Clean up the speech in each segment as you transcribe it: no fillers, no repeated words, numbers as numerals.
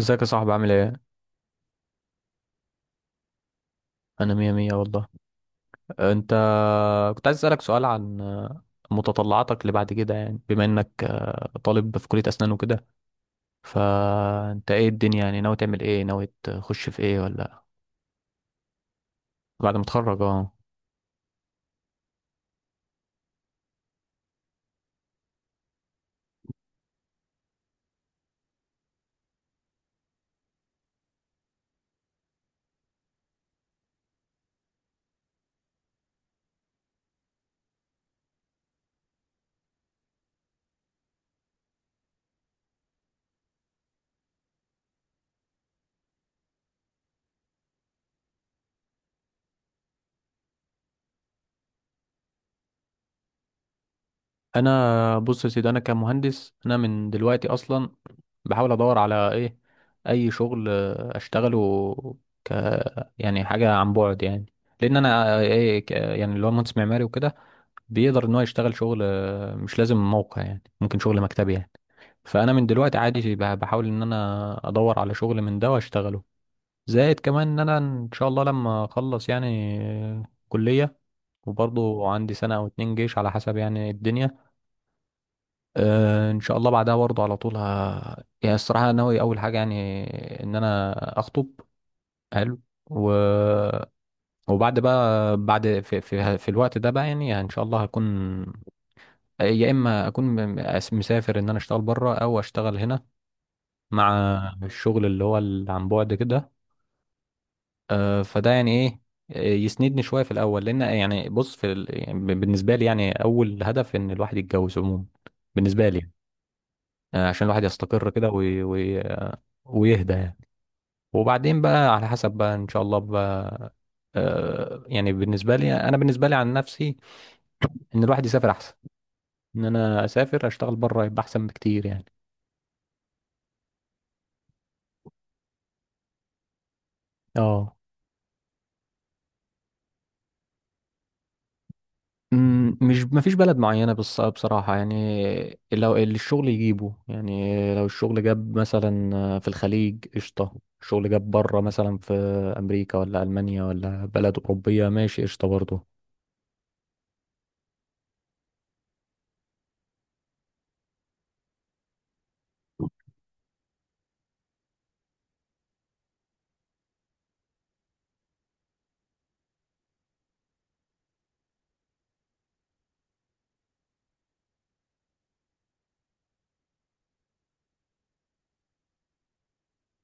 ازيك يا صاحبي، عامل ايه؟ انا مية مية والله. انت كنت عايز اسألك سؤال عن متطلعاتك اللي بعد كده، يعني بما انك طالب في كلية اسنان وكده، فانت ايه الدنيا، يعني ناوي تعمل ايه؟ ناوي تخش في ايه ولا بعد ما تتخرج؟ اه، انا بص يا سيدي، انا كمهندس، انا من دلوقتي اصلا بحاول ادور على ايه، اي شغل اشتغله ك يعني حاجه عن بعد يعني. لان انا يعني اللي هو مهندس معماري وكده بيقدر ان هو يشتغل شغل، مش لازم موقع، يعني ممكن شغل مكتبي يعني. فانا من دلوقتي عادي بحاول ان انا ادور على شغل من ده واشتغله. زائد كمان ان انا ان شاء الله لما اخلص يعني كليه، وبرضه عندي سنه او اتنين جيش على حسب يعني الدنيا. ان شاء الله بعدها برضه على طول. يعني الصراحه أنا ناوي اول حاجه يعني، ان انا اخطب. حلو. و... وبعد بقى، بعد في الوقت ده بقى، يعني ان شاء الله هكون يا اما اكون مسافر، ان انا اشتغل بره او اشتغل هنا مع الشغل اللي هو اللي عن بعد كده. فده يعني ايه، يسندني شويه في الاول. لان يعني بص يعني بالنسبه لي، يعني اول هدف ان الواحد يتجوز عموما، بالنسبه لي يعني، عشان الواحد يستقر كده ويهدى يعني. وبعدين بقى على حسب بقى ان شاء الله بقى. يعني بالنسبه لي انا، بالنسبه لي عن نفسي، ان الواحد يسافر احسن، ان انا اسافر اشتغل بره يبقى احسن بكتير يعني. اه. مش، ما فيش بلد معينه، بص بصراحه يعني لو اللي الشغل يجيبه، يعني لو الشغل جاب مثلا في الخليج قشطه، الشغل جاب بره مثلا في امريكا ولا المانيا ولا بلد اوروبيه ماشي قشطه برضه.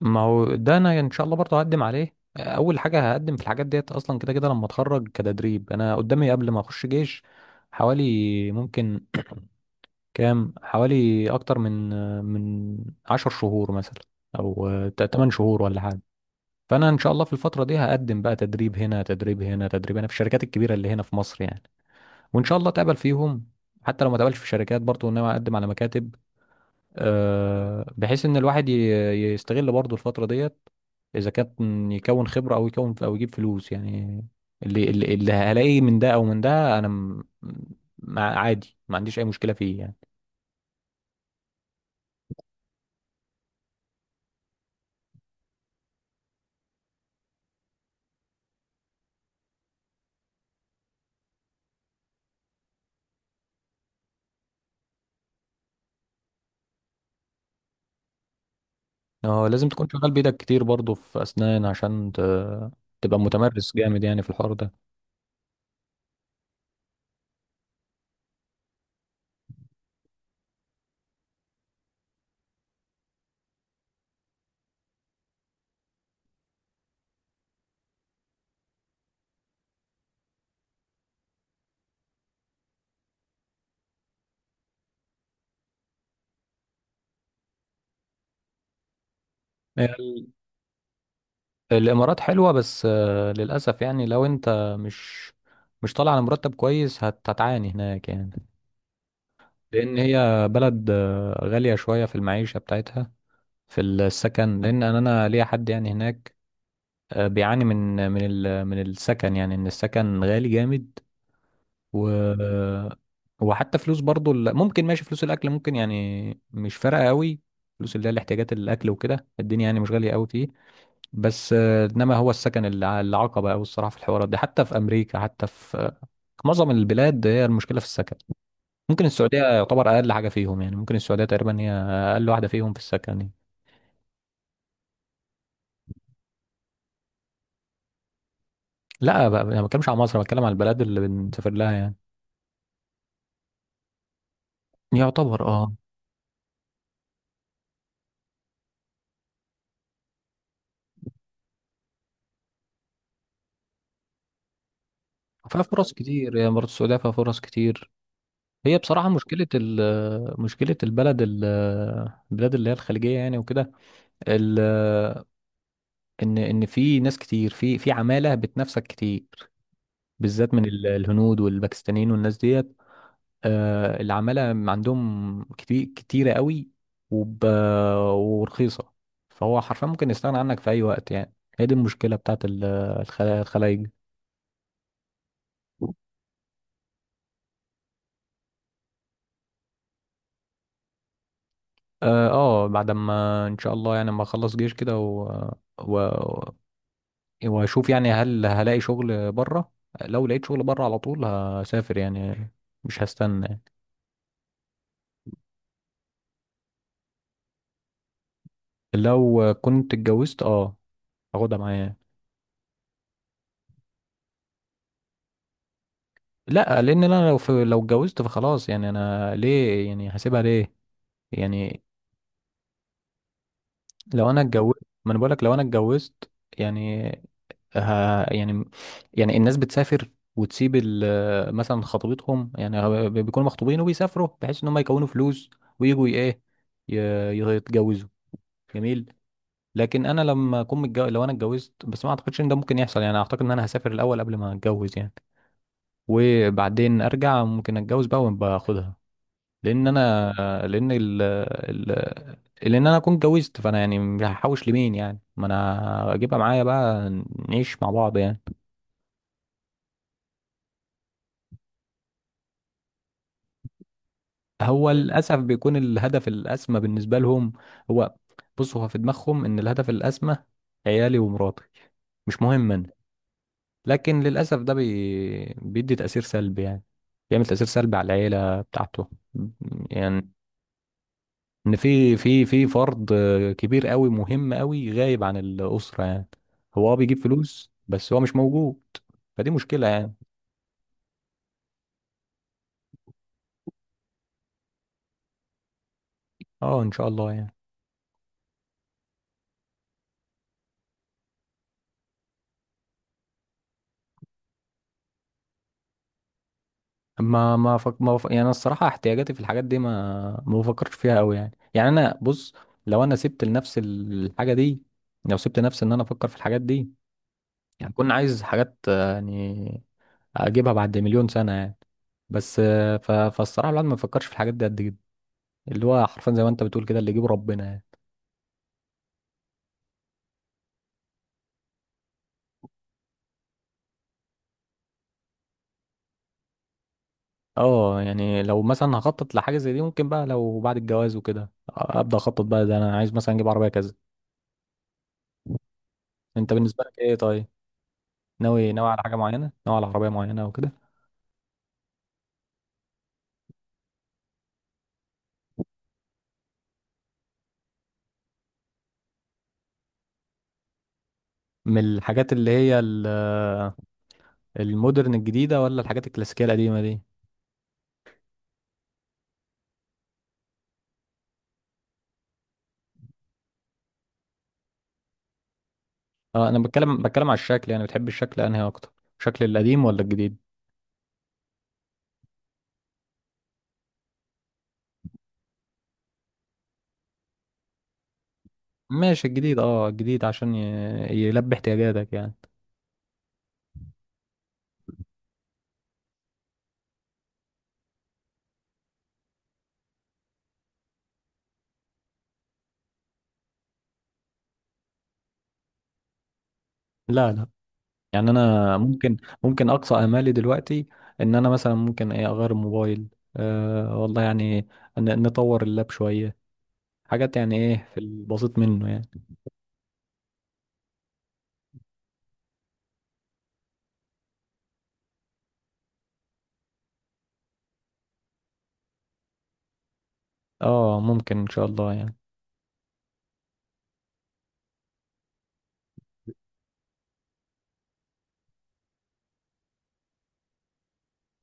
ما هو ده انا ان شاء الله برضه هقدم عليه، اول حاجه هقدم في الحاجات ديت اصلا كده كده لما اتخرج كتدريب. انا قدامي قبل ما اخش جيش حوالي ممكن كام، حوالي اكتر من 10 شهور مثلا، او 8 شهور ولا حاجه. فانا ان شاء الله في الفتره دي هقدم بقى تدريب هنا، تدريب هنا، تدريب هنا، في الشركات الكبيره اللي هنا في مصر يعني، وان شاء الله اتقبل فيهم. حتى لو ما اتقبلش في شركات، برضه ان انا اقدم على مكاتب، بحيث ان الواحد يستغل برضه الفترة ديت، اذا كان يكون خبرة او يكون او يجيب فلوس يعني. اللي هلاقيه من ده او من ده، انا مع عادي، ما عنديش اي مشكلة فيه يعني. اه لازم تكون شغال بايدك كتير برضه في اسنان، عشان تبقى متمرس جامد يعني في الحوار ده. ال- الامارات حلوة، بس للاسف يعني لو انت مش طالع على مرتب كويس هتعاني هناك يعني. لان هي بلد غالية شوية في المعيشة بتاعتها، في السكن. لان انا، أنا ليا حد يعني هناك بيعاني من السكن، يعني ان السكن غالي جامد. و وحتى فلوس برضو ممكن ماشي، فلوس الاكل ممكن يعني مش فارقة قوي. فلوس اللي هي الاحتياجات، الاكل وكده، الدنيا يعني مش غالية قوي فيه. بس انما هو السكن العقبة قوي الصراحة في الحوارات دي، حتى في امريكا، حتى في في معظم البلاد هي المشكلة في السكن. ممكن السعودية يعتبر أقل حاجة فيهم، يعني ممكن السعودية تقريبا هي أقل واحدة فيهم في السكن يعني. لا بقى، أنا ما بتكلمش على مصر، أنا بتكلم على البلد اللي بنسافر لها يعني. يعتبر أه. فيها فرص كتير يعني، برضه السعودية فيها فرص كتير. هي بصراحة مشكلة مشكلة البلد ال البلاد اللي هي الخليجية يعني وكده. ال- إن في ناس كتير، في في عمالة بتنافسك كتير، بالذات من الهنود والباكستانيين والناس ديت. العمالة عندهم كتير، كتيرة قوي وب... ورخيصة. فهو حرفيا ممكن يستغنى عنك في أي وقت يعني. هي دي المشكلة بتاعت الخلايج. اه، بعد ما ان شاء الله يعني ما اخلص جيش كده و... واشوف يعني هل هلاقي شغل بره. لو لقيت شغل بره على طول هسافر يعني، مش هستنى يعني. لو كنت اتجوزت اه هاخدها معايا. لا، لان انا لو اتجوزت فخلاص يعني، انا ليه يعني هسيبها ليه يعني. لو انا اتجوزت، ما انا بقولك لو انا اتجوزت يعني. ها يعني، يعني الناس بتسافر وتسيب مثلا خطيبتهم، يعني هو بيكونوا مخطوبين وبيسافروا بحيث ان هم يكونوا فلوس، ويجوا ايه يتجوزوا. جميل. لكن انا لما اكون متجوز، لو انا اتجوزت، بس ما اعتقدش ان ده ممكن يحصل يعني، اعتقد ان انا هسافر الاول قبل ما اتجوز يعني، وبعدين ارجع ممكن اتجوز بقى وباخدها. لان انا لان ال ال لان انا اكون اتجوزت، فانا يعني هحوش لمين يعني، ما انا اجيبها معايا بقى، نعيش مع بعض يعني. هو للاسف بيكون الهدف الاسمى بالنسبه لهم. هو بص، هو في دماغهم ان الهدف الاسمى عيالي ومراتي، مش مهم انا. لكن للاسف ده بيدي تاثير سلبي يعني، بيعمل تاثير سلبي على العيله بتاعته يعني. ان في فرد كبير قوي مهم قوي غايب عن الاسره يعني، هو اه بيجيب فلوس بس هو مش موجود. فدي مشكله يعني. اه ان شاء الله يعني. ما ما فك... ما فك... يعني أنا الصراحه احتياجاتي في الحاجات دي ما بفكرش فيها قوي يعني. يعني انا بص، لو انا سبت لنفس الحاجه دي، لو سبت نفسي ان انا افكر في الحاجات دي، يعني كنت عايز حاجات يعني اجيبها بعد مليون سنه يعني. بس فالصراحه الواحد ما بيفكرش في الحاجات دي قد كده، اللي هو حرفيا زي ما انت بتقول كده، اللي يجيبه ربنا يعني. اه يعني لو مثلا هخطط لحاجه زي دي، ممكن بقى لو بعد الجواز وكده ابدا اخطط بقى، ده انا عايز مثلا اجيب عربيه كذا. انت بالنسبه لك ايه طيب؟ ناوي، ناوي على حاجه معينه، ناوي على عربيه معينه او كده؟ من الحاجات اللي هي المودرن الجديده، ولا الحاجات الكلاسيكيه القديمه دي؟ اه انا بتكلم بتكلم على الشكل، يعني بتحب الشكل انهي اكتر، شكل القديم ولا الجديد؟ ماشي، الجديد اه الجديد عشان يلبي احتياجاتك يعني. لا لا، يعني انا ممكن، ممكن اقصى امالي دلوقتي ان انا مثلا ممكن ايه اغير الموبايل. أه والله يعني، نطور اللاب شويه، حاجات يعني ايه في البسيط منه يعني. اه ممكن ان شاء الله يعني.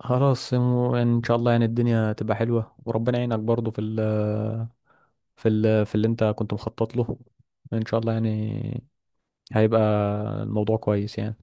خلاص ان شاء الله يعني الدنيا تبقى حلوه، وربنا يعينك برضو في اللي انت كنت مخطط له، ان شاء الله يعني هيبقى الموضوع كويس يعني.